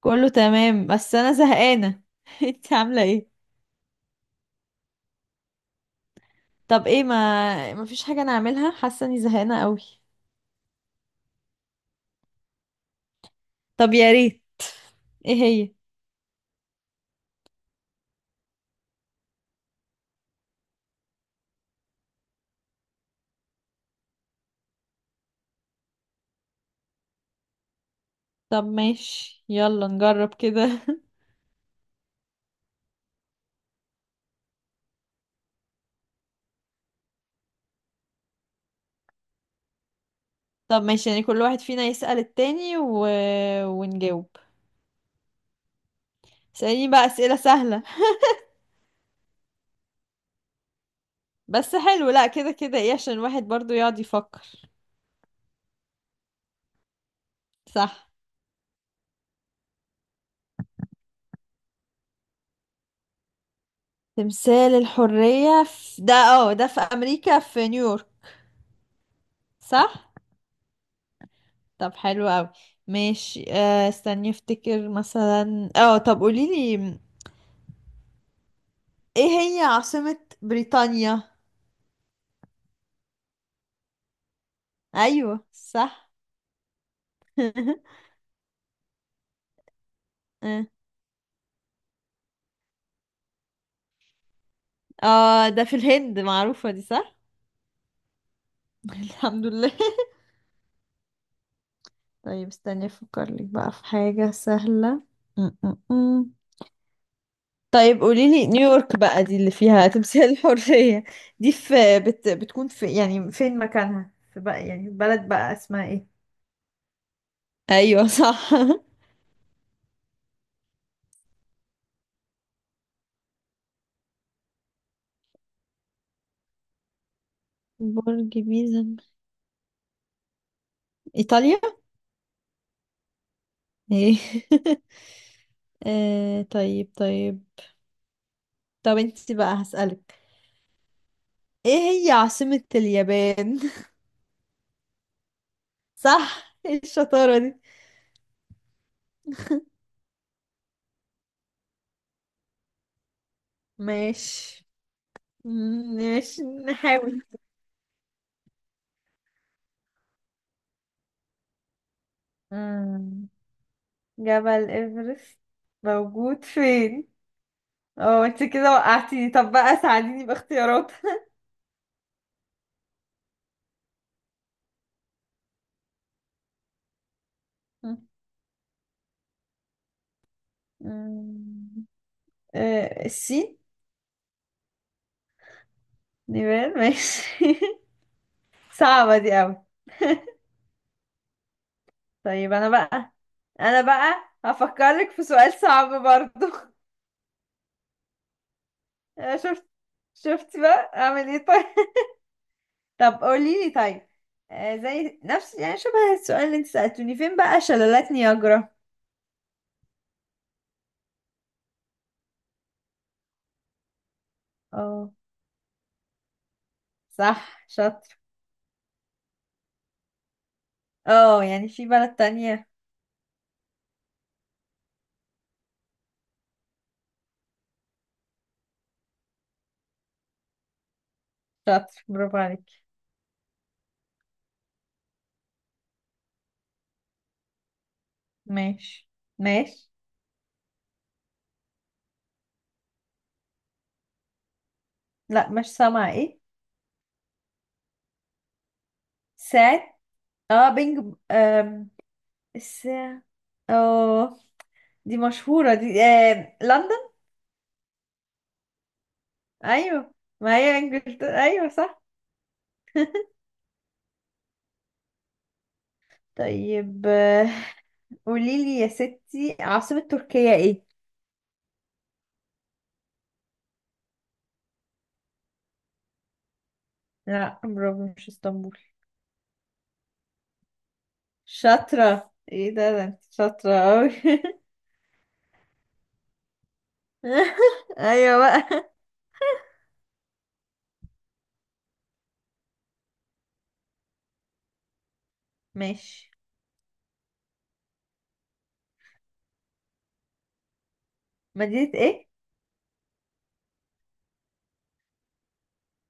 كله تمام بس انا زهقانه. انت عامله ايه؟ طب ايه، ما فيش حاجه نعملها؟ حاسه اني زهقانه قوي. طب يا ريت. ايه هي؟ طب ماشي، يلا نجرب كده. طب ماشي، يعني كل واحد فينا يسأل التاني ونجاوب. اسأليني بقى اسئله سهله. بس حلو، لا، كده كده ايه، عشان الواحد برضو يقعد يفكر. صح. تمثال الحريه ده في امريكا، في نيويورك. صح. طب حلو قوي. ماشي، استني افتكر مثلا. اه طب قوليلي، ايه هي عاصمة بريطانيا؟ ايوه، صح. اه، ده في الهند، معروفة دي، صح. الحمد لله. طيب استني افكر لك بقى في حاجة سهلة. م- م- م. طيب قوليلي، نيويورك بقى دي اللي فيها تمثال الحرية، دي في بتكون في، يعني فين مكانها، في بقى يعني بلد بقى اسمها ايه؟ ايوه، صح. برج بيزا، ايطاليا. ايه؟ طيب طيب. طب انت بقى هسألك، ايه هي عاصمة اليابان؟ صح، ايه الشطارة دي! ماشي، ماشي نحاول. مم. جبل ايفرست موجود فين؟ اه انت كده وقعتيني، طب بقى ساعديني باختيارات. مم. الصين. نيبال، ماشي. صعبة دي أوي. طيب انا بقى هفكرك في سؤال صعب برضو. آه، شفت شفت بقى اعمل ايه؟ طيب. طب قولي لي، طيب زي نفس يعني شبه السؤال اللي انت سألتوني. فين بقى شلالات نياجرا؟ اه صح، شاطر. اه يعني في بلد تانية. شاطر، برافو عليك. ماشي، ماشي. لا مش سامعة، ايه؟ ساعة. اه بينج، الساعة. اه دي مشهورة دي، آه. ايوه، ما هي انجلترا، ايوه صح. طيب، قوليلي يا ستي، عاصمة تركيا ايه؟ لا، برافو، مش اسطنبول. شاطرة، ايه ده انت شاطرة اوي. ايوه بقى. ماشي. مدينة ايه؟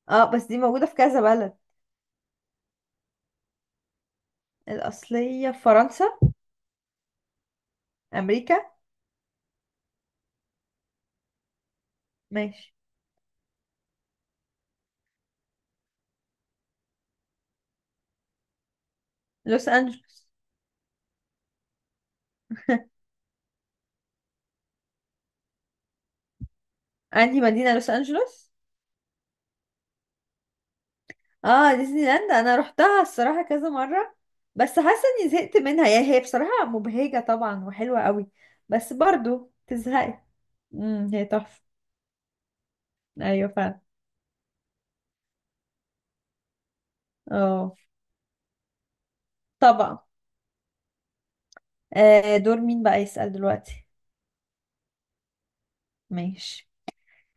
اه بس دي موجودة في كذا بلد. الأصلية في فرنسا. أمريكا. ماشي. لوس أنجلوس. عندي مدينة لوس أنجلوس. اه ديزني لاند انا روحتها الصراحه كذا مره، بس حاسه اني زهقت منها يعني، هي بصراحه مبهجه طبعا وحلوه قوي بس برضو تزهقي. هي تحفه. ايوه فعلا. اه طبعا. دور مين بقى يسأل دلوقتي؟ ماشي.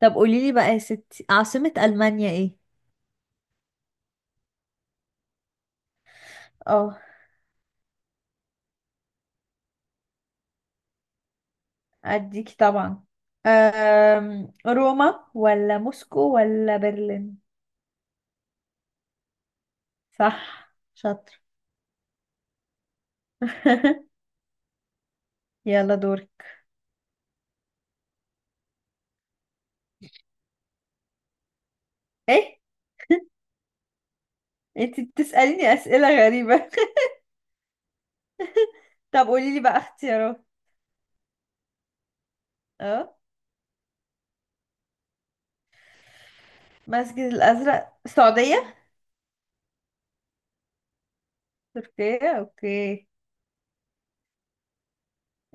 طب قولي لي بقى يا ستي، عاصمه المانيا ايه؟ اه اديكي طبعا. روما ولا موسكو ولا برلين؟ صح، شاطر. يلا دورك. ايه انت بتسأليني أسئلة غريبة! طب قولي لي بقى اختيارات. اه المسجد الازرق، السعوديه. تركيا، اوكي.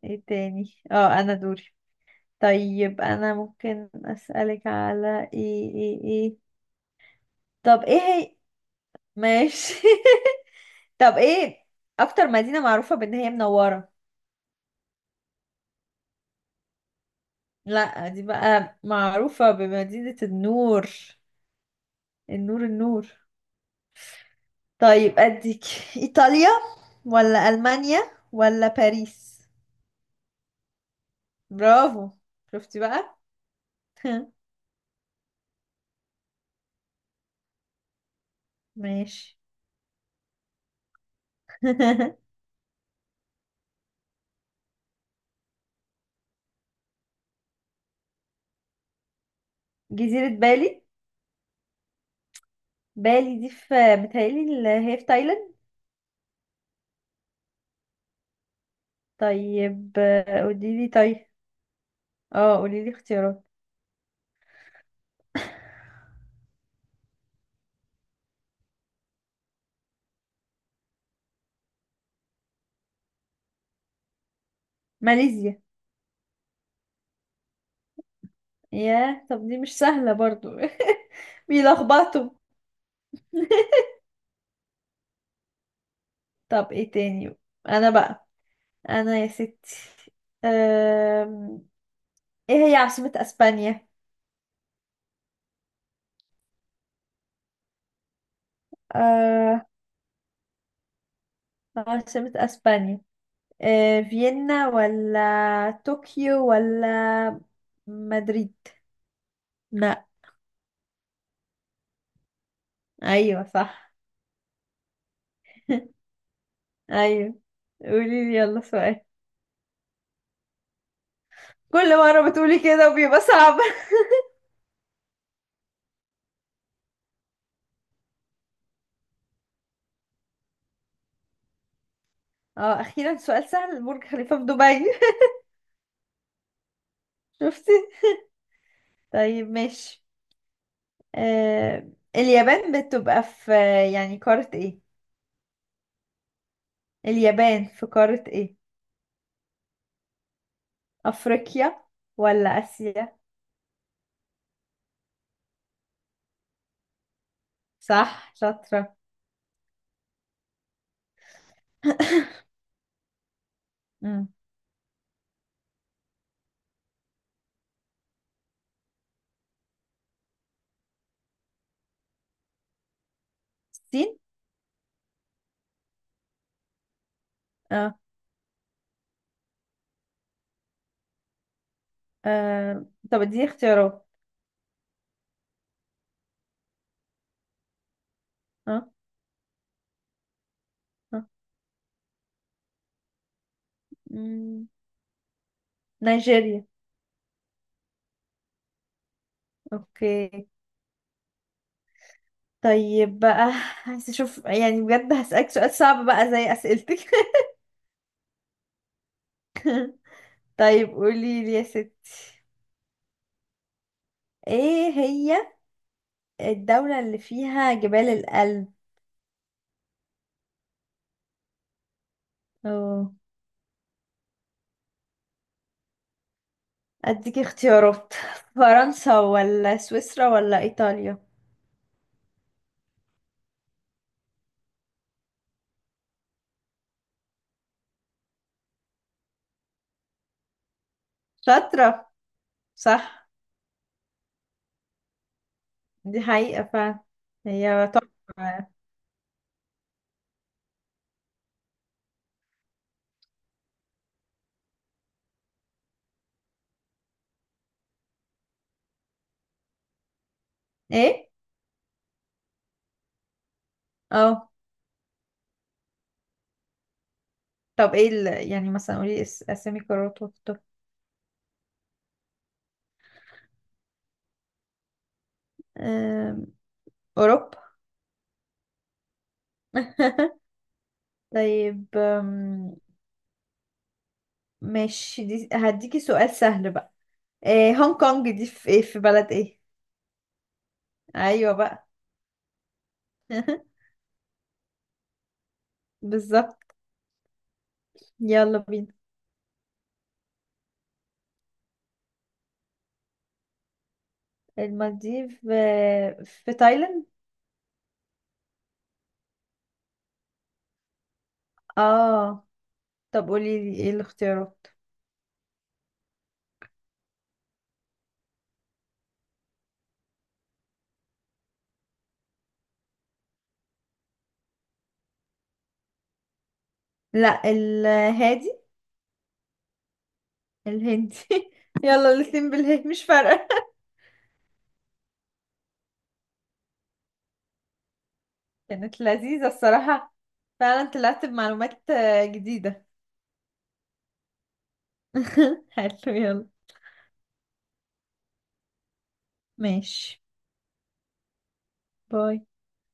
ايه تاني، اه انا دوري. طيب انا ممكن اسالك على ايه طب ايه هي؟ ماشي. طب ايه اكتر مدينه معروفه بان هي منوره؟ لا دي بقى معروفه بمدينه النور. النور، النور. طيب اديك، ايطاليا ولا المانيا ولا باريس؟ برافو، شفتي بقى. ماشي. جزيرة بالي. بالي دي في، بتهيألي اللي هي في تايلاند. طيب قولي لي طيب، اه قولي لي اختيارات. ماليزيا. ياه، طب دي مش سهلة برضو. بيلخبطوا. طب ايه تاني. انا بقى انا يا ستي، أم... ايه هي عاصمة اسبانيا؟ أه... عاصمة اسبانيا. فيينا ولا طوكيو ولا مدريد؟ لا. ايوه، صح. ايوه قولي لي يلا سؤال. كل مرة بتقولي كده وبيبقى صعب. اه اخيرا سؤال سهل، برج خليفة في دبي. شفتي. طيب ماشي. آه اليابان بتبقى في يعني قارة ايه؟ اليابان في قارة ايه؟ افريقيا ولا اسيا؟ صح، شاطرة. مم. الصين. اه طب اديني اختيارات. اه، اه. مم. نيجيريا، اوكي. طيب بقى، عايز اشوف يعني بجد، هسألك سؤال صعب بقى زي اسئلتك. طيب قولي لي يا ستي، ايه هي الدولة اللي فيها جبال الألب؟ اه اديك اختيارات. فرنسا ولا سويسرا ولا ايطاليا؟ شاطرة. صح، دي حقيقة فعلا. هي تحفة. ايه اه، طب ايه يعني مثلا قولي اسامي قارات واكتر. أم، اوروبا. طيب ماشي، دي هديكي سؤال سهل بقى. إيه هونج كونج دي في، إيه، في بلد ايه؟ ايوه بقى. بالظبط، يلا بينا. المالديف في تايلاند. اه طب قولي لي ايه الاختيارات. لا الهادي. الهندي. يلا الاتنين بالهي مش فارقة. كانت لذيذة الصراحة. فعلا طلعت بمعلومات جديدة. حلو، يلا. ماشي. باي.